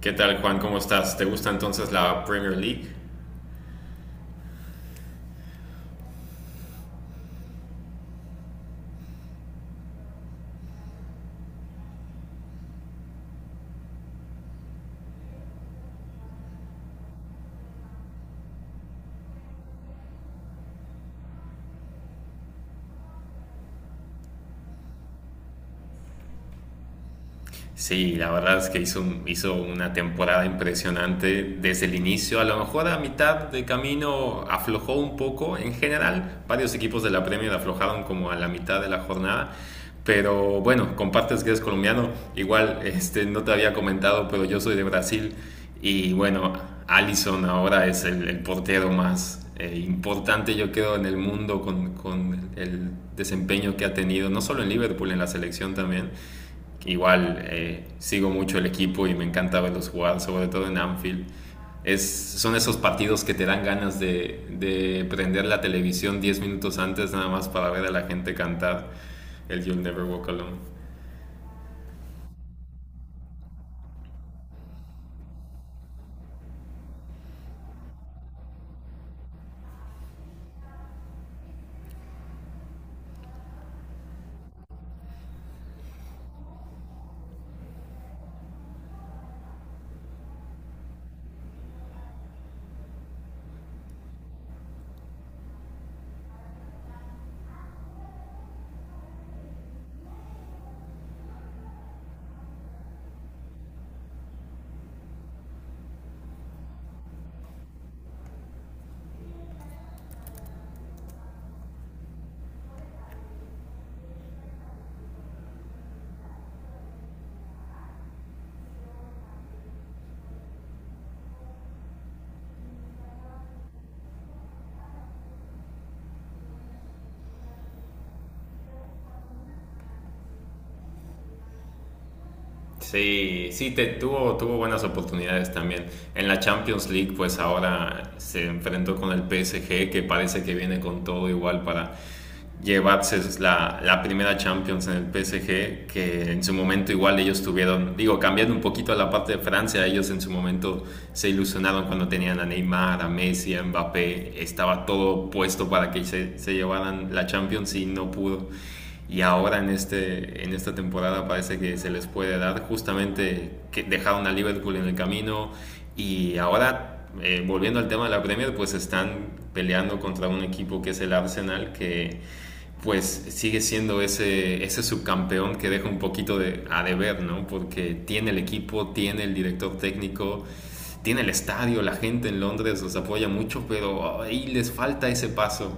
¿Qué tal, Juan? ¿Cómo estás? ¿Te gusta entonces la Premier League? Sí, la verdad es que hizo una temporada impresionante desde el inicio. A lo mejor a mitad de camino aflojó un poco en general. Varios equipos de la Premier aflojaron como a la mitad de la jornada. Pero bueno, compartes que eres colombiano. Igual este, no te había comentado, pero yo soy de Brasil. Y bueno, Alisson ahora es el portero más importante, yo creo, en el mundo con el desempeño que ha tenido, no solo en Liverpool, en la selección también. Igual sigo mucho el equipo y me encanta verlos jugar, sobre todo en Anfield. Es, son esos partidos que te dan ganas de prender la televisión 10 minutos antes nada más para ver a la gente cantar el You'll Never Walk Alone. Sí, sí, tuvo, tuvo buenas oportunidades también. En la Champions League, pues ahora se enfrentó con el PSG, que parece que viene con todo igual para llevarse la primera Champions en el PSG, que en su momento igual ellos tuvieron, digo, cambiando un poquito a la parte de Francia, ellos en su momento se ilusionaron cuando tenían a Neymar, a Messi, a Mbappé, estaba todo puesto para que se llevaran la Champions y no pudo. Y ahora en esta temporada parece que se les puede dar, justamente que dejaron a Liverpool en el camino. Y ahora volviendo al tema de la Premier, pues están peleando contra un equipo que es el Arsenal, que pues sigue siendo ese subcampeón que deja un poquito de, a deber, ¿no? Porque tiene el equipo, tiene el director técnico, tiene el estadio, la gente en Londres los apoya mucho, pero ahí les falta ese paso.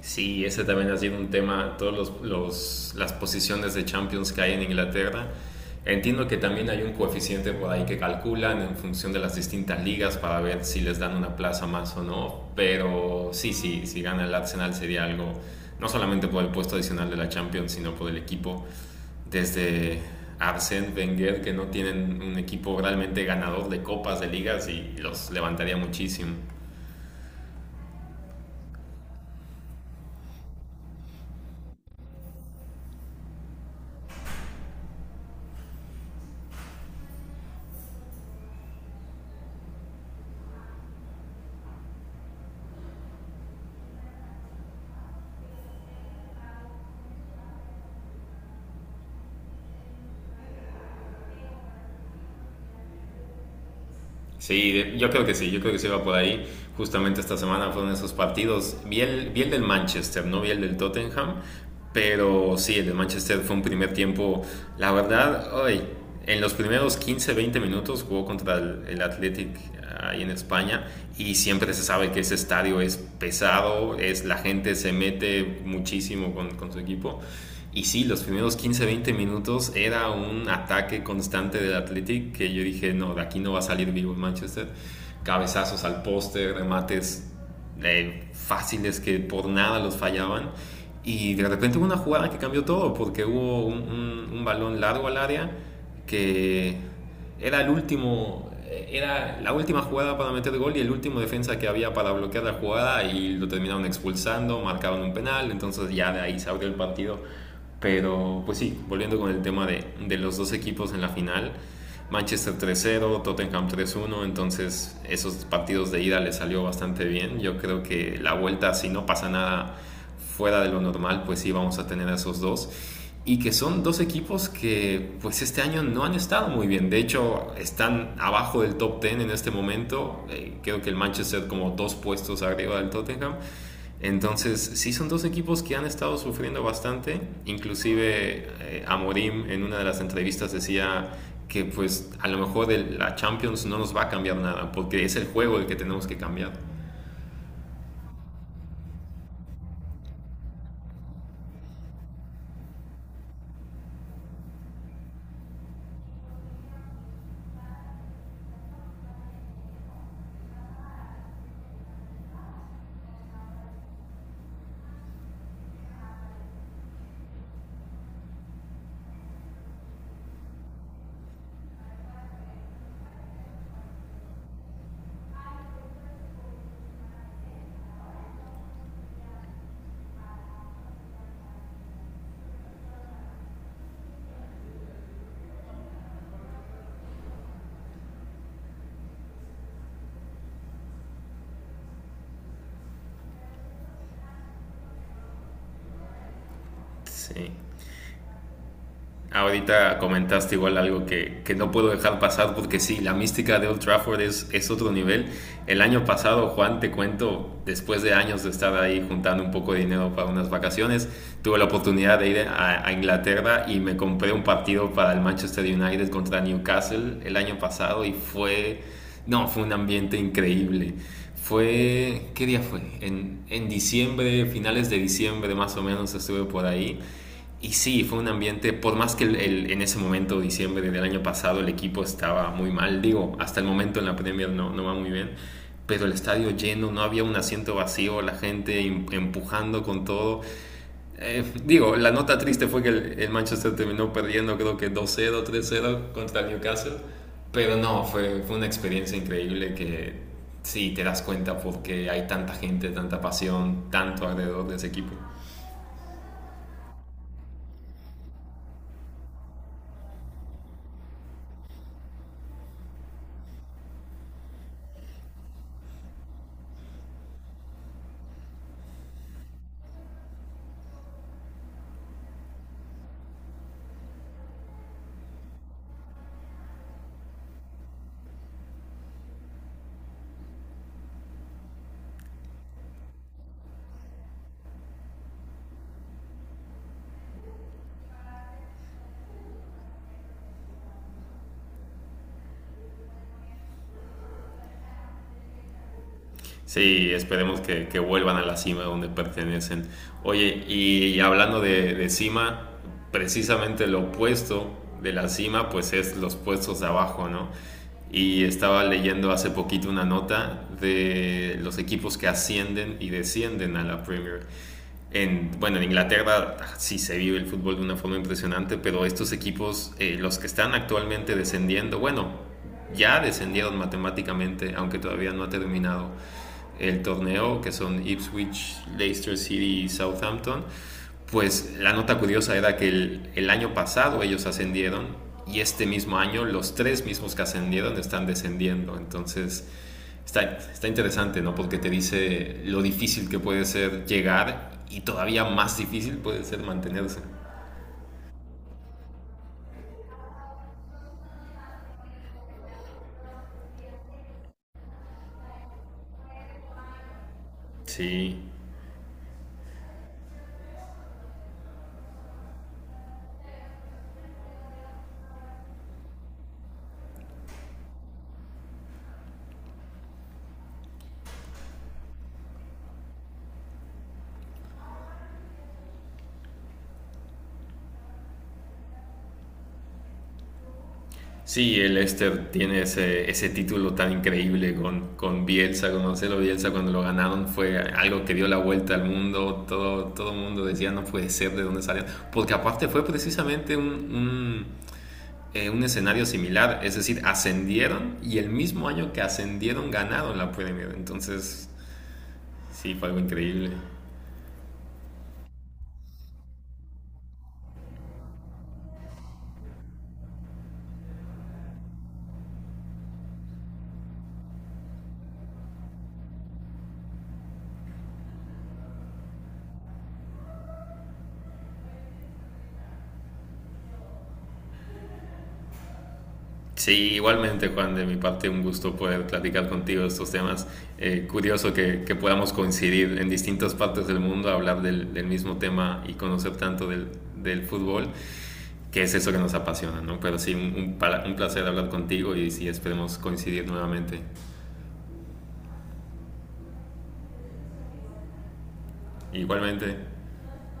Sí, ese también ha sido un tema. Las posiciones de Champions que hay en Inglaterra. Entiendo que también hay un coeficiente por ahí que calculan en función de las distintas ligas para ver si les dan una plaza más o no, pero sí, sí, si gana el Arsenal sería algo, no solamente por el puesto adicional de la Champions, sino por el equipo. Desde Arsène Wenger, que no tienen un equipo realmente ganador de copas, de ligas, y los levantaría muchísimo. Sí, yo creo que sí, yo creo que sí va por ahí. Justamente esta semana fueron esos partidos. Vi el del Manchester, no vi el del Tottenham, pero sí, el del Manchester fue un primer tiempo. La verdad, hoy, en los primeros 15, 20 minutos jugó contra el Athletic ahí en España, y siempre se sabe que ese estadio es pesado, es, la gente se mete muchísimo con su equipo. Y sí, los primeros 15 20 minutos era un ataque constante del Athletic, que yo dije, no, de aquí no va a salir vivo el Manchester. Cabezazos al poste, remates fáciles que por nada los fallaban. Y de repente hubo una jugada que cambió todo, porque hubo un balón largo al área que era era la última jugada para meter gol, y el último defensa que había para bloquear la jugada y lo terminaron expulsando, marcaron un penal, entonces ya de ahí se abrió el partido. Pero pues sí, volviendo con el tema de los dos equipos en la final, Manchester 3-0, Tottenham 3-1, entonces esos partidos de ida le salió bastante bien. Yo creo que la vuelta, si no pasa nada fuera de lo normal, pues sí vamos a tener a esos dos. Y que son dos equipos que pues este año no han estado muy bien. De hecho, están abajo del top 10 en este momento. Creo que el Manchester como dos puestos arriba del Tottenham. Entonces, sí son dos equipos que han estado sufriendo bastante. Inclusive Amorim en una de las entrevistas decía que pues a lo mejor la Champions no nos va a cambiar nada, porque es el juego el que tenemos que cambiar. Sí. Ahorita comentaste igual algo que no puedo dejar pasar porque sí, la mística de Old Trafford es otro nivel. El año pasado, Juan, te cuento, después de años de estar ahí juntando un poco de dinero para unas vacaciones, tuve la oportunidad de ir a Inglaterra y me compré un partido para el Manchester United contra Newcastle el año pasado, y fue, no, fue un ambiente increíble. Fue, ¿qué día fue? Diciembre, finales de diciembre más o menos estuve por ahí. Y sí, fue un ambiente, por más que en ese momento, diciembre del año pasado, el equipo estaba muy mal, digo, hasta el momento en la Premier no, no va muy bien, pero el estadio lleno, no había un asiento vacío, la gente empujando con todo. Digo, la nota triste fue que el Manchester terminó perdiendo, creo que dos cero, tres cero contra el Newcastle, pero no, fue, fue una experiencia increíble, que sí, te das cuenta porque hay tanta gente, tanta pasión, tanto alrededor de ese equipo. Sí, esperemos que vuelvan a la cima donde pertenecen. Oye, y, hablando de cima, precisamente lo opuesto de la cima, pues es los puestos de abajo, ¿no? Y estaba leyendo hace poquito una nota de los equipos que ascienden y descienden a la Premier. En, bueno, en Inglaterra, ah, sí se vive el fútbol de una forma impresionante, pero estos equipos, los que están actualmente descendiendo, bueno, ya descendieron matemáticamente, aunque todavía no ha terminado el torneo, que son Ipswich, Leicester City y Southampton, pues la nota curiosa era que el año pasado ellos ascendieron, y este mismo año los tres mismos que ascendieron están descendiendo. Entonces, está, está interesante, ¿no? Porque te dice lo difícil que puede ser llegar y todavía más difícil puede ser mantenerse. Sí, sí, el Leicester tiene ese título tan increíble con Bielsa, con Marcelo Bielsa. Cuando lo ganaron fue algo que dio la vuelta al mundo, todo el mundo decía no puede ser, de dónde salió, porque aparte fue precisamente un escenario similar, es decir, ascendieron y el mismo año que ascendieron ganaron la Premier, entonces sí, fue algo increíble. Sí, igualmente Juan, de mi parte un gusto poder platicar contigo de estos temas. Curioso que podamos coincidir en distintas partes del mundo, hablar del mismo tema y conocer tanto del, del fútbol, que es eso que nos apasiona, ¿no? Pero sí, un placer hablar contigo, y sí, esperemos coincidir nuevamente. Igualmente.